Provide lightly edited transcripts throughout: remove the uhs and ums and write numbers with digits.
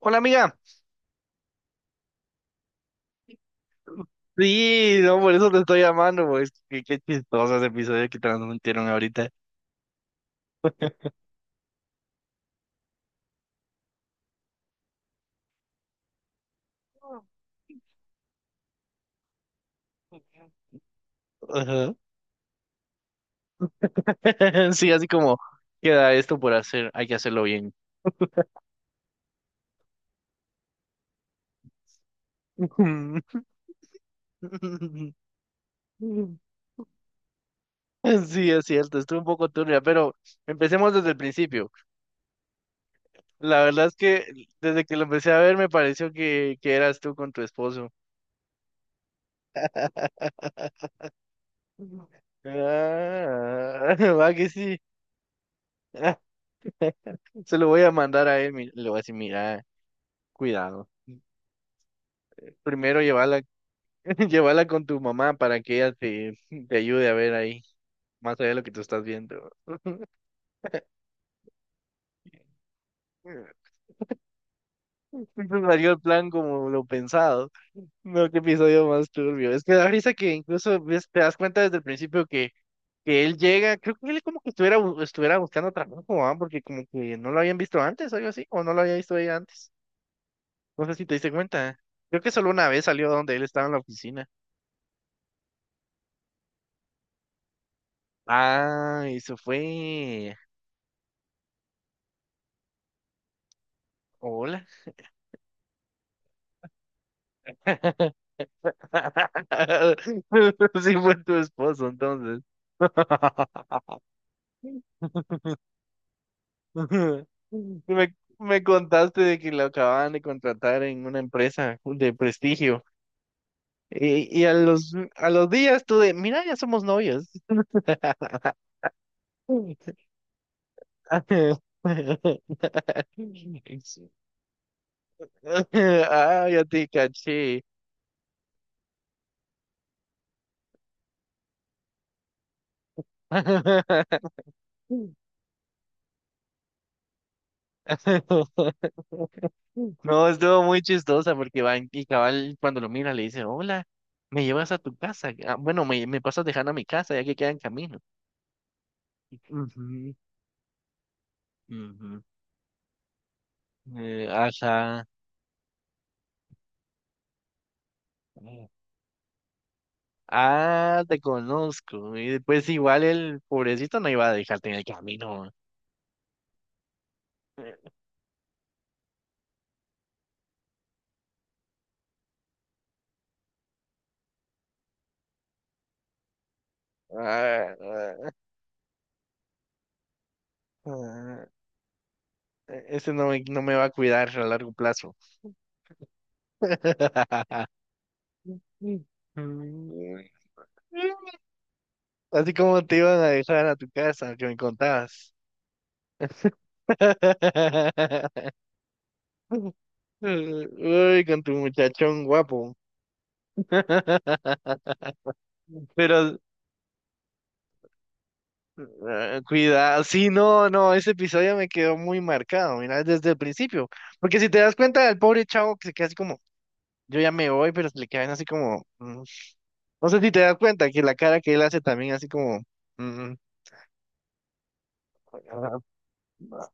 Hola amiga, sí, no, por eso te estoy llamando, pues qué chistoso ese episodio que transmitieron ahorita. Ajá. Sí, así como queda esto por hacer, hay que hacerlo bien. Sí, es cierto, estuve un poco turbia, pero empecemos desde el principio. La verdad es que desde que lo empecé a ver me pareció que eras tú con tu esposo. Ah, va que sí. Ah, se lo voy a mandar a él, le voy a decir, mira, cuidado. Primero llévala, llévala con tu mamá para que ella te ayude a ver ahí, más allá de lo que tú estás viendo. Entonces salió el plan como lo pensado. No, qué episodio más turbio. Es que da risa que incluso te das cuenta desde el principio que él llega, creo que él como que estuviera, estuviera buscando trabajo, ¿ah? Porque como que no lo habían visto antes, algo así, o no lo había visto ella antes. No sé si te diste cuenta. Creo que solo una vez salió donde él estaba en la oficina. Ah, eso fue. Hola. Sí fue tu esposo, entonces. Me contaste de que lo acababan de contratar en una empresa de prestigio. A los días tú de, mira, ya somos novios. Ah, ya te caché. No, estuvo muy chistosa porque van y cabal cuando lo mira le dice, hola, me llevas a tu casa. Ah, bueno, me pasas dejando a mi casa ya que queda en camino. Ujú, ujú. Ajá. Ah, te conozco. Y después igual el pobrecito no iba a dejarte en el camino. Ah, ah, ah, ese no me va a cuidar a largo plazo. Mm. Así como te iban a dejar a tu casa, que me contabas. Uy, con tu muchachón guapo. Pero cuidado, sí, no, no, ese episodio me quedó muy marcado, mira, desde el principio. Porque si te das cuenta el pobre chavo que se queda así como, yo ya me voy, pero se le quedan así como, mm. No sé si te das cuenta que la cara que él hace también así como, mm, mm,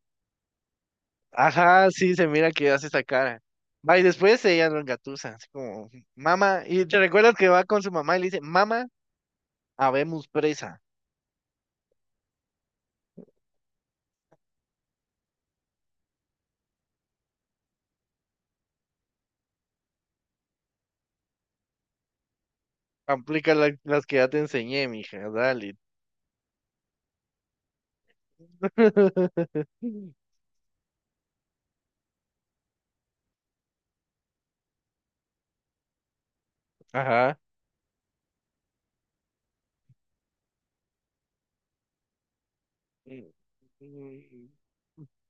ajá, sí, se mira que hace esa cara. Va, y después ella lo engatusa, así como, mamá, y te recuerdas que va con su mamá y le dice, mamá, habemos presa. Aplica las que ya te enseñé, mija, dale. Ajá. Mm, mm,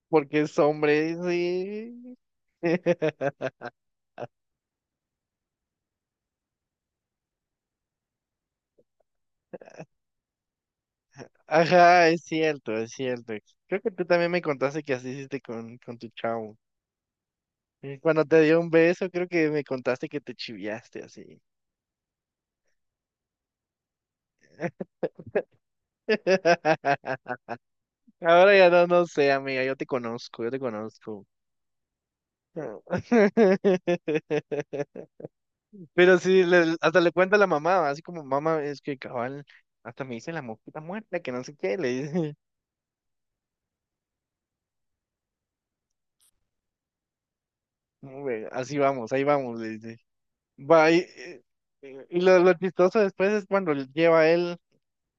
porque es hombre, sí. Ajá, es cierto, es cierto. Creo que tú también me contaste que así hiciste con tu chavo. Y cuando te dio un beso, creo que me contaste que te chiviaste así. Ahora ya no, no sé, amiga, yo te conozco, yo te conozco. Pero sí, hasta le cuenta a la mamá, así como mamá, es que cabal, hasta me dice la mosquita muerta, que no sé qué, le dice, "No, güey, así vamos, ahí vamos, le dice. Va, y lo chistoso después es cuando lleva a él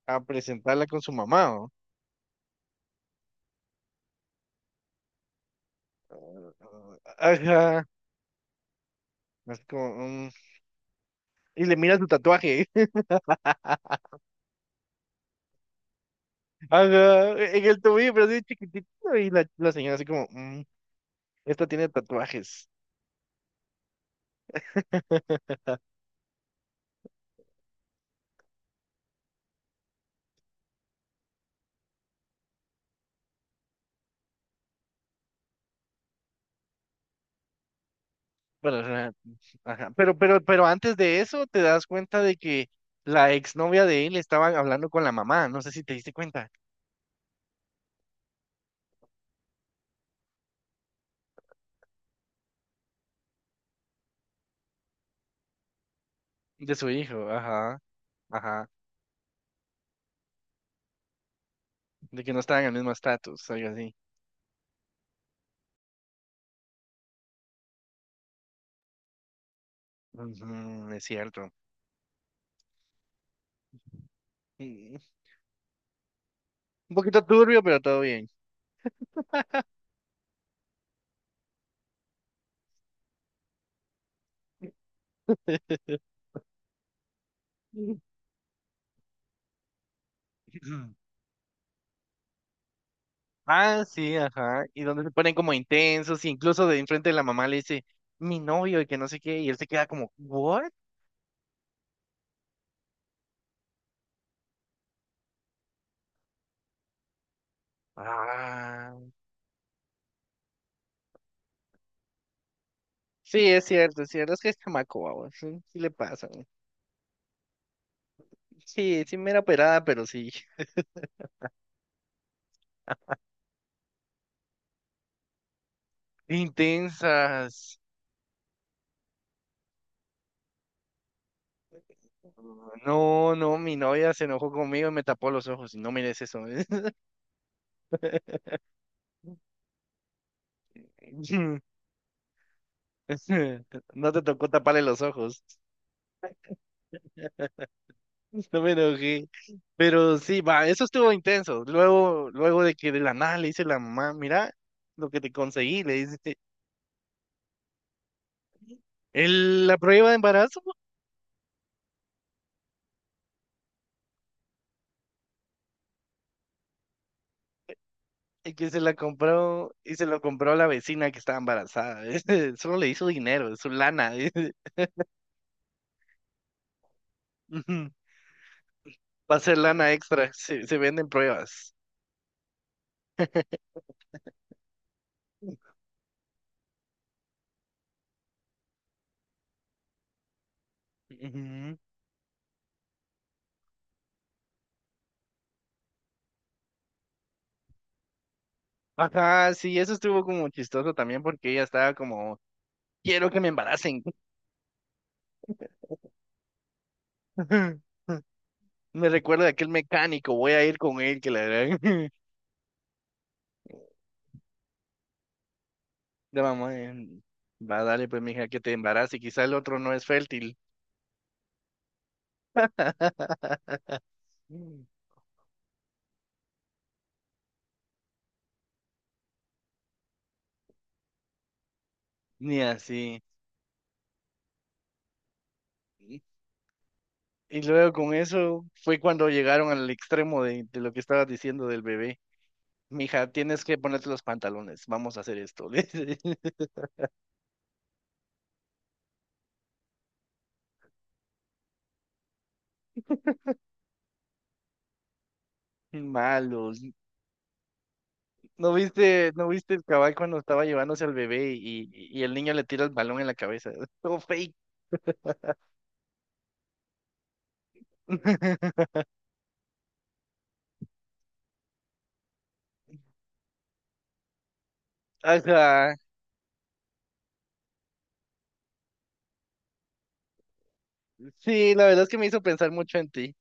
a presentarla con su mamá, ¿o? Ajá, así como, mm, y le mira su tatuaje. Ajá, en el tobillo, pero así chiquitito. Y la señora así como, mm, Esta tiene tatuajes. Bueno, ajá, ajá. Pero antes de eso te das cuenta de que la exnovia de él estaba hablando con la mamá, no sé si te diste cuenta, de su hijo, ajá, ajá, de que no estaban en el mismo estatus, algo así. Ujú, es cierto. Mm, Un poquito turbio, pero todo bien. Ah, sí, ajá. Y donde se ponen como intensos, y incluso de enfrente de la mamá le dice, mi novio, y que no sé qué, y él se queda como, ¿what? Ah. Sí, es cierto, es cierto, es que es chamaco, guau, sí, sí le pasa. Güey. Sí, sí, mera operada, pero sí. Intensas. No, no, mi novia se enojó conmigo y me tapó los ojos. Y No mires eso. No te tocó taparle los ojos. No me enojé. Pero sí, va, eso estuvo intenso. Luego, luego de que de la nada le dice la mamá, mira lo que te conseguí, le dice, la prueba de embarazo. Y que se la compró, y se lo compró a la vecina que estaba embarazada. Solo le hizo dinero, su lana. Ujú. Va a ser lana extra, se venden pruebas. Ujú. Ajá, sí, eso estuvo como chistoso también porque ella estaba como, quiero que me embaracen. Me recuerdo de aquel mecánico, voy a ir con él, que la verdad. La mamá, va, dale pues, mija, que te embarace, quizá el otro no es fértil. Ni así. Y luego con eso fue cuando llegaron al extremo de lo que estabas diciendo del bebé. Mija, tienes que ponerte los pantalones, vamos a hacer esto. le dice. Malos. No viste el cabal cuando estaba llevándose al bebé y el niño le tira el balón en la cabeza? Todo fake. Ajá. Sí, la verdad es que me hizo pensar mucho en ti.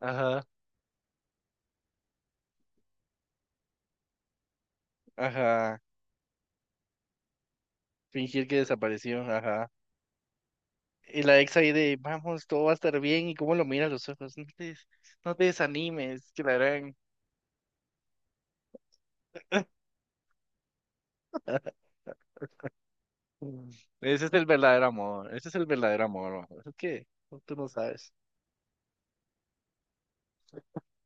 Ajá, ajá. Fingir que desapareció, ajá. Y la ex ahí de, vamos, todo va a estar bien. ¿Y cómo lo mira a los ojos? No te desanimes, que la harán. Mm. Ese es el verdadero amor, ese es el verdadero amor, bro. ¿Eso qué? No, tú no sabes.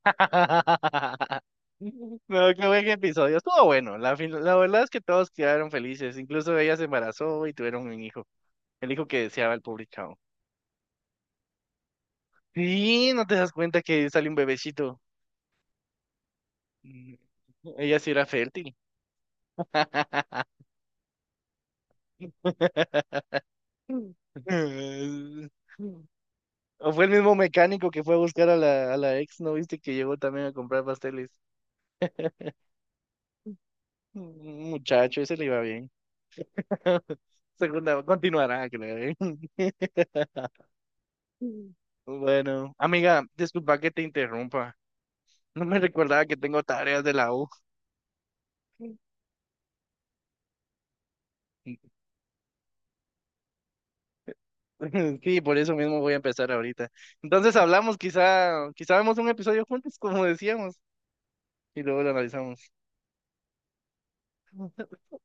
No, qué buen episodio. Estuvo bueno. La verdad es que todos quedaron felices. Incluso ella se embarazó y tuvieron un hijo. El hijo que deseaba el pobre chavo. Sí, no te das cuenta que sale un bebecito. Mm, ella sí era fértil. O fue el mismo mecánico que fue a buscar a a la ex, ¿no viste que llegó también a comprar pasteles? Mm, muchacho, ese le iba bien. Segunda, continuará, que le iba bien. Bueno, amiga, disculpa que te interrumpa. No me recordaba que tengo tareas de la U. Sí, por eso mismo voy a empezar ahorita. Entonces hablamos, quizá vemos un episodio juntos, como decíamos, y luego lo analizamos.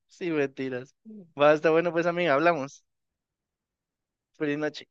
Sí, mentiras. Va, está bueno, pues amiga, hablamos. Feliz noche.